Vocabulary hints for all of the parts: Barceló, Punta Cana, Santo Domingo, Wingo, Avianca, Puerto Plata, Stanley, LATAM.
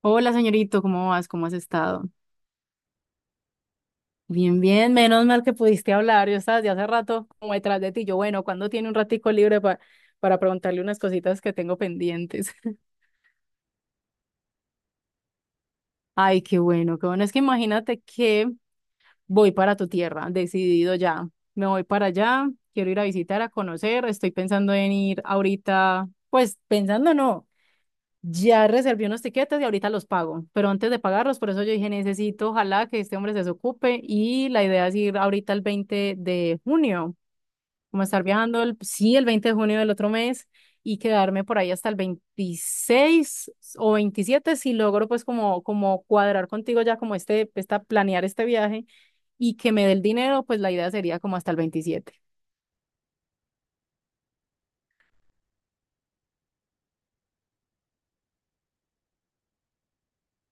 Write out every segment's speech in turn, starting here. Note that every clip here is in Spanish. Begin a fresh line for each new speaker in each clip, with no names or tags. Hola, señorito, ¿cómo vas? ¿Cómo has estado? Bien, bien, menos mal que pudiste hablar. Yo estaba desde hace rato como detrás de ti. Yo, bueno, ¿cuándo tiene un ratico libre para preguntarle unas cositas que tengo pendientes? Ay, qué bueno, qué bueno. Es que imagínate que voy para tu tierra, decidido ya. Me voy para allá, quiero ir a visitar, a conocer. Estoy pensando en ir ahorita, pues pensando no. Ya reservé unos tiquetes y ahorita los pago, pero antes de pagarlos, por eso yo dije, necesito, ojalá que este hombre se desocupe y la idea es ir ahorita el 20 de junio, como estar viajando, el, sí, el 20 de junio del otro mes y quedarme por ahí hasta el 26 o 27 si logro pues como, como cuadrar contigo ya como este, esta, planear este viaje y que me dé el dinero, pues la idea sería como hasta el 27.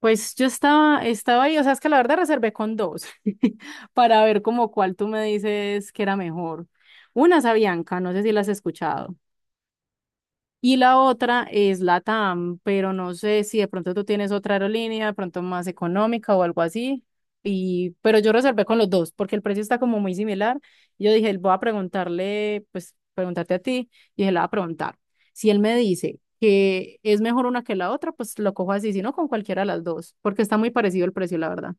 Pues yo estaba, estaba ahí, o sea, es que la verdad reservé con dos para ver como cuál tú me dices que era mejor. Una es Avianca, no sé si la has escuchado. Y la otra es LATAM, pero no sé si de pronto tú tienes otra aerolínea, de pronto más económica o algo así. Y pero yo reservé con los dos porque el precio está como muy similar. Yo dije, voy a preguntarle, pues preguntarte a ti. Y dije, le voy a preguntar. Si él me dice que es mejor una que la otra, pues lo cojo así, si no con cualquiera de las dos, porque está muy parecido el precio, la verdad.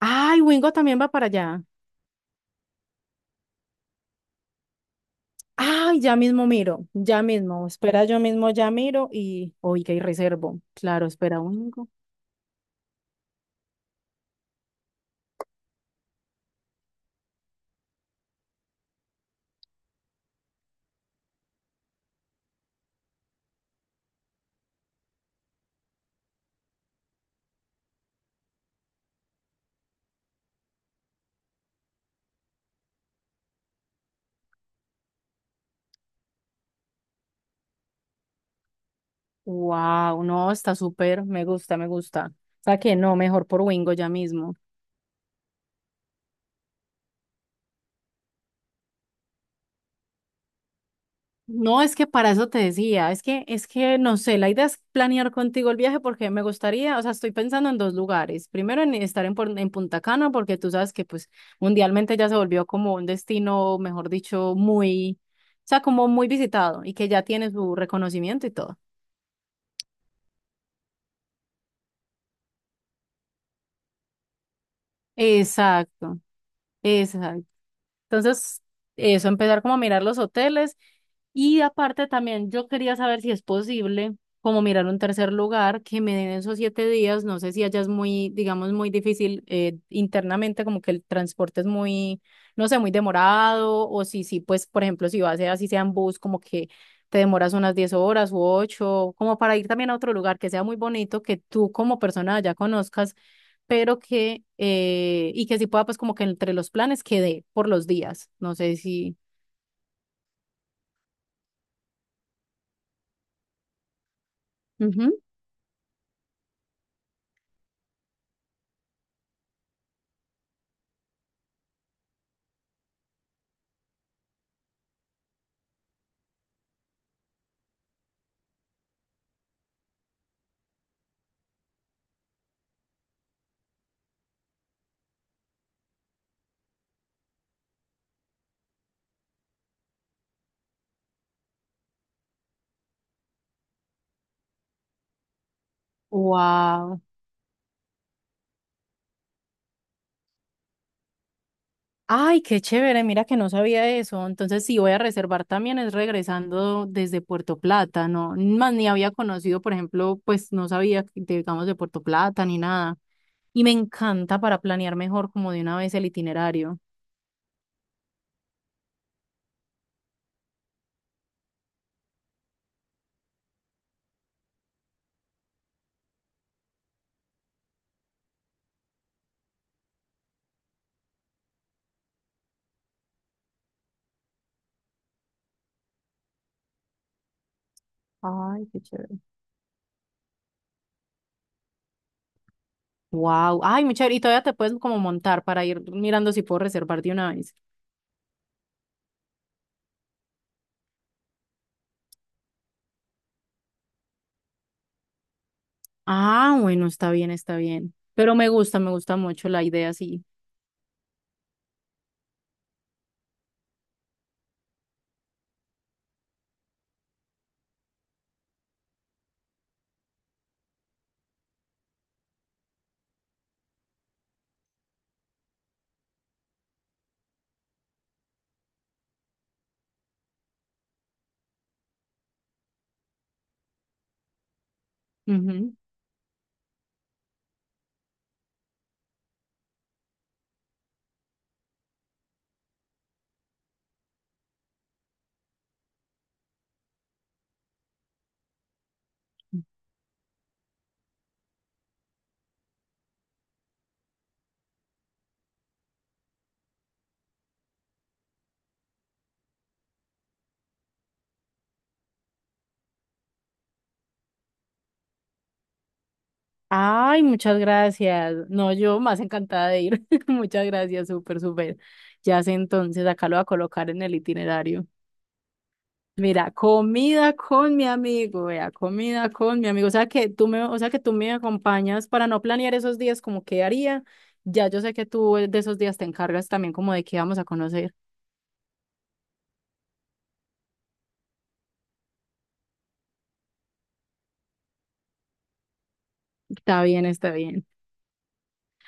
Ay, Wingo también va para allá. Ay, ya mismo miro, ya mismo. Espera, yo mismo ya miro y, oiga, y reservo. Claro, espera, Wingo. Wow, no, está súper, me gusta, me gusta. O sea que no, mejor por Wingo ya mismo. No, es que para eso te decía, es que no sé, la idea es planear contigo el viaje porque me gustaría, o sea, estoy pensando en dos lugares. Primero en estar en, en Punta Cana porque tú sabes que pues mundialmente ya se volvió como un destino, mejor dicho, muy, o sea, como muy visitado y que ya tiene su reconocimiento y todo. Exacto. Exacto. Entonces, eso, empezar como a mirar los hoteles y aparte también yo quería saber si es posible como mirar un tercer lugar que me den esos 7 días. No sé si allá es muy, digamos, muy difícil internamente, como que el transporte es muy, no sé, muy demorado o si, sí pues, por ejemplo, si vas a así sea en bus, como que te demoras unas 10 horas u 8 como para ir también a otro lugar que sea muy bonito, que tú como persona allá conozcas pero que, y que sí pueda, pues como que entre los planes quede por los días. No sé si... Ujú. Wow. Ay, qué chévere, mira que no sabía eso. Entonces, sí voy a reservar también es regresando desde Puerto Plata, ¿no? Más ni había conocido, por ejemplo, pues no sabía, que, digamos, de Puerto Plata ni nada. Y me encanta para planear mejor como de una vez el itinerario. Ay, qué chévere. Wow. Ay, muy chévere. Y todavía te puedes como montar para ir mirando si puedo reservar de una vez. Ah, bueno, está bien, está bien. Pero me gusta mucho la idea, sí. Ujú. Ay, muchas gracias. No, yo más encantada de ir. Muchas gracias, súper, súper. Ya sé entonces, acá lo voy a colocar en el itinerario. Mira, comida con mi amigo, vea, comida con mi amigo. O sea que tú me, o sea que tú me acompañas para no planear esos días como qué haría. Ya yo sé que tú de esos días te encargas también como de qué vamos a conocer. Está bien, está bien.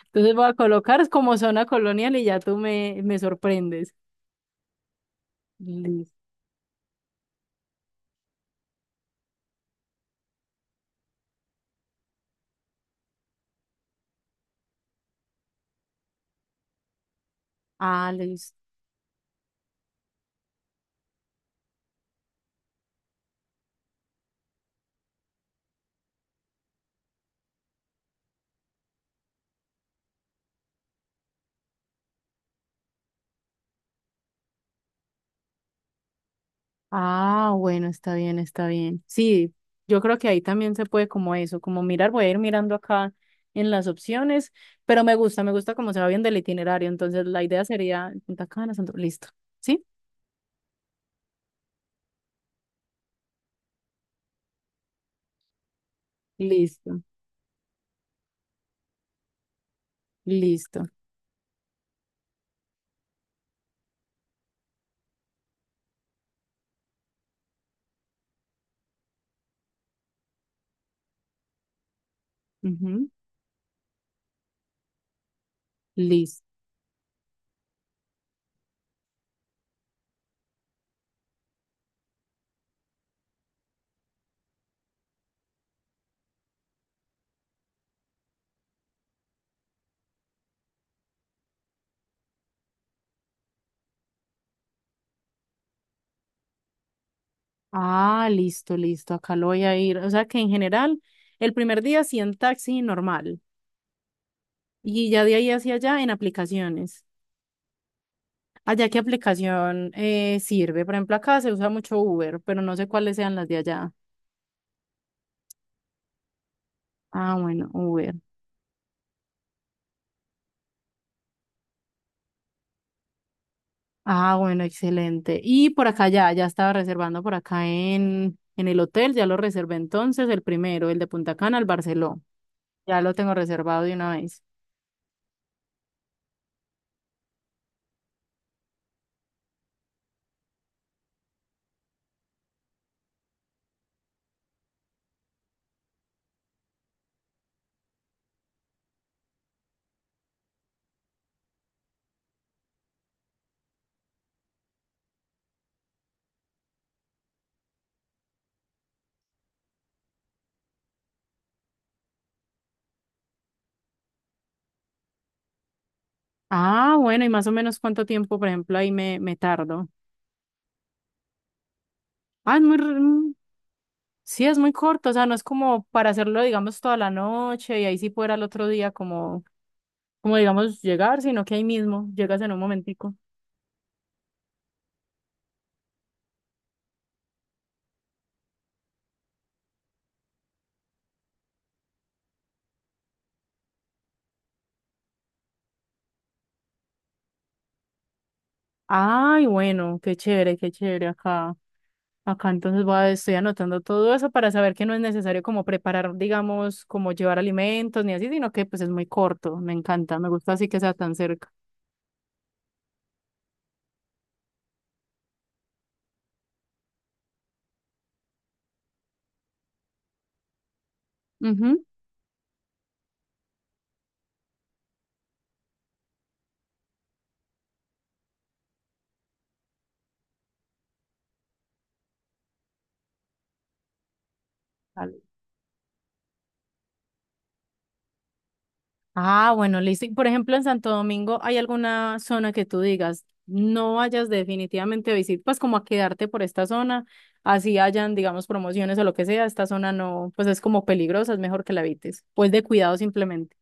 Entonces voy a colocar como zona colonial y ya tú me, me sorprendes. Listo. Ah, listo. Ah, bueno, está bien, está bien. Sí, yo creo que ahí también se puede como eso, como mirar, voy a ir mirando acá en las opciones, pero me gusta cómo se va bien del itinerario. Entonces la idea sería Punta Cana, listo. ¿Sí? Listo, listo. Ujú. Listo. Ah, listo, listo. Acá lo voy a ir. O sea que en general, el primer día sí en taxi normal. Y ya de ahí hacia allá en aplicaciones. Allá, ¿qué aplicación sirve? Por ejemplo, acá se usa mucho Uber, pero no sé cuáles sean las de allá. Ah, bueno, Uber. Ah, bueno, excelente. Y por acá ya, ya estaba reservando por acá en el hotel, ya lo reservé entonces, el primero, el de Punta Cana, el Barceló. Ya lo tengo reservado de una vez. Ah, bueno, y más o menos cuánto tiempo, por ejemplo, ahí me, me tardo. Ah, es muy, sí, es muy corto, o sea, no es como para hacerlo, digamos, toda la noche y ahí sí fuera el otro día como como digamos llegar, sino que ahí mismo llegas en un momentico. Ay, bueno, qué chévere acá. Acá entonces voy a, estoy anotando todo eso para saber que no es necesario como preparar, digamos, como llevar alimentos ni así, sino que pues es muy corto. Me encanta, me gusta así que sea tan cerca. Ujú. Dale. Ah, bueno, listo. Y, por ejemplo, en Santo Domingo, ¿hay alguna zona que tú digas, no vayas definitivamente a visitar, pues como a quedarte por esta zona, así hayan, digamos, promociones o lo que sea, esta zona no, pues es como peligrosa, es mejor que la evites, pues de cuidado simplemente.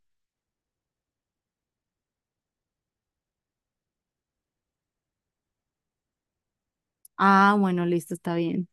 Ah, bueno, listo, está bien.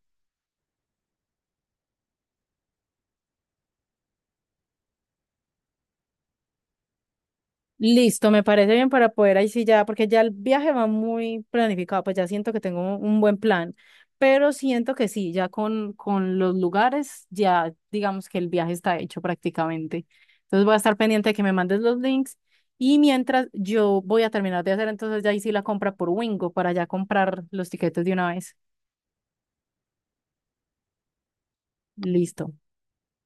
Listo, me parece bien para poder ahí sí ya, porque ya el viaje va muy planificado, pues ya siento que tengo un buen plan, pero siento que sí, ya con los lugares, ya digamos que el viaje está hecho prácticamente. Entonces voy a estar pendiente de que me mandes los links y mientras yo voy a terminar de hacer entonces ya ahí sí la compra por Wingo para ya comprar los tiquetes de una vez. Listo.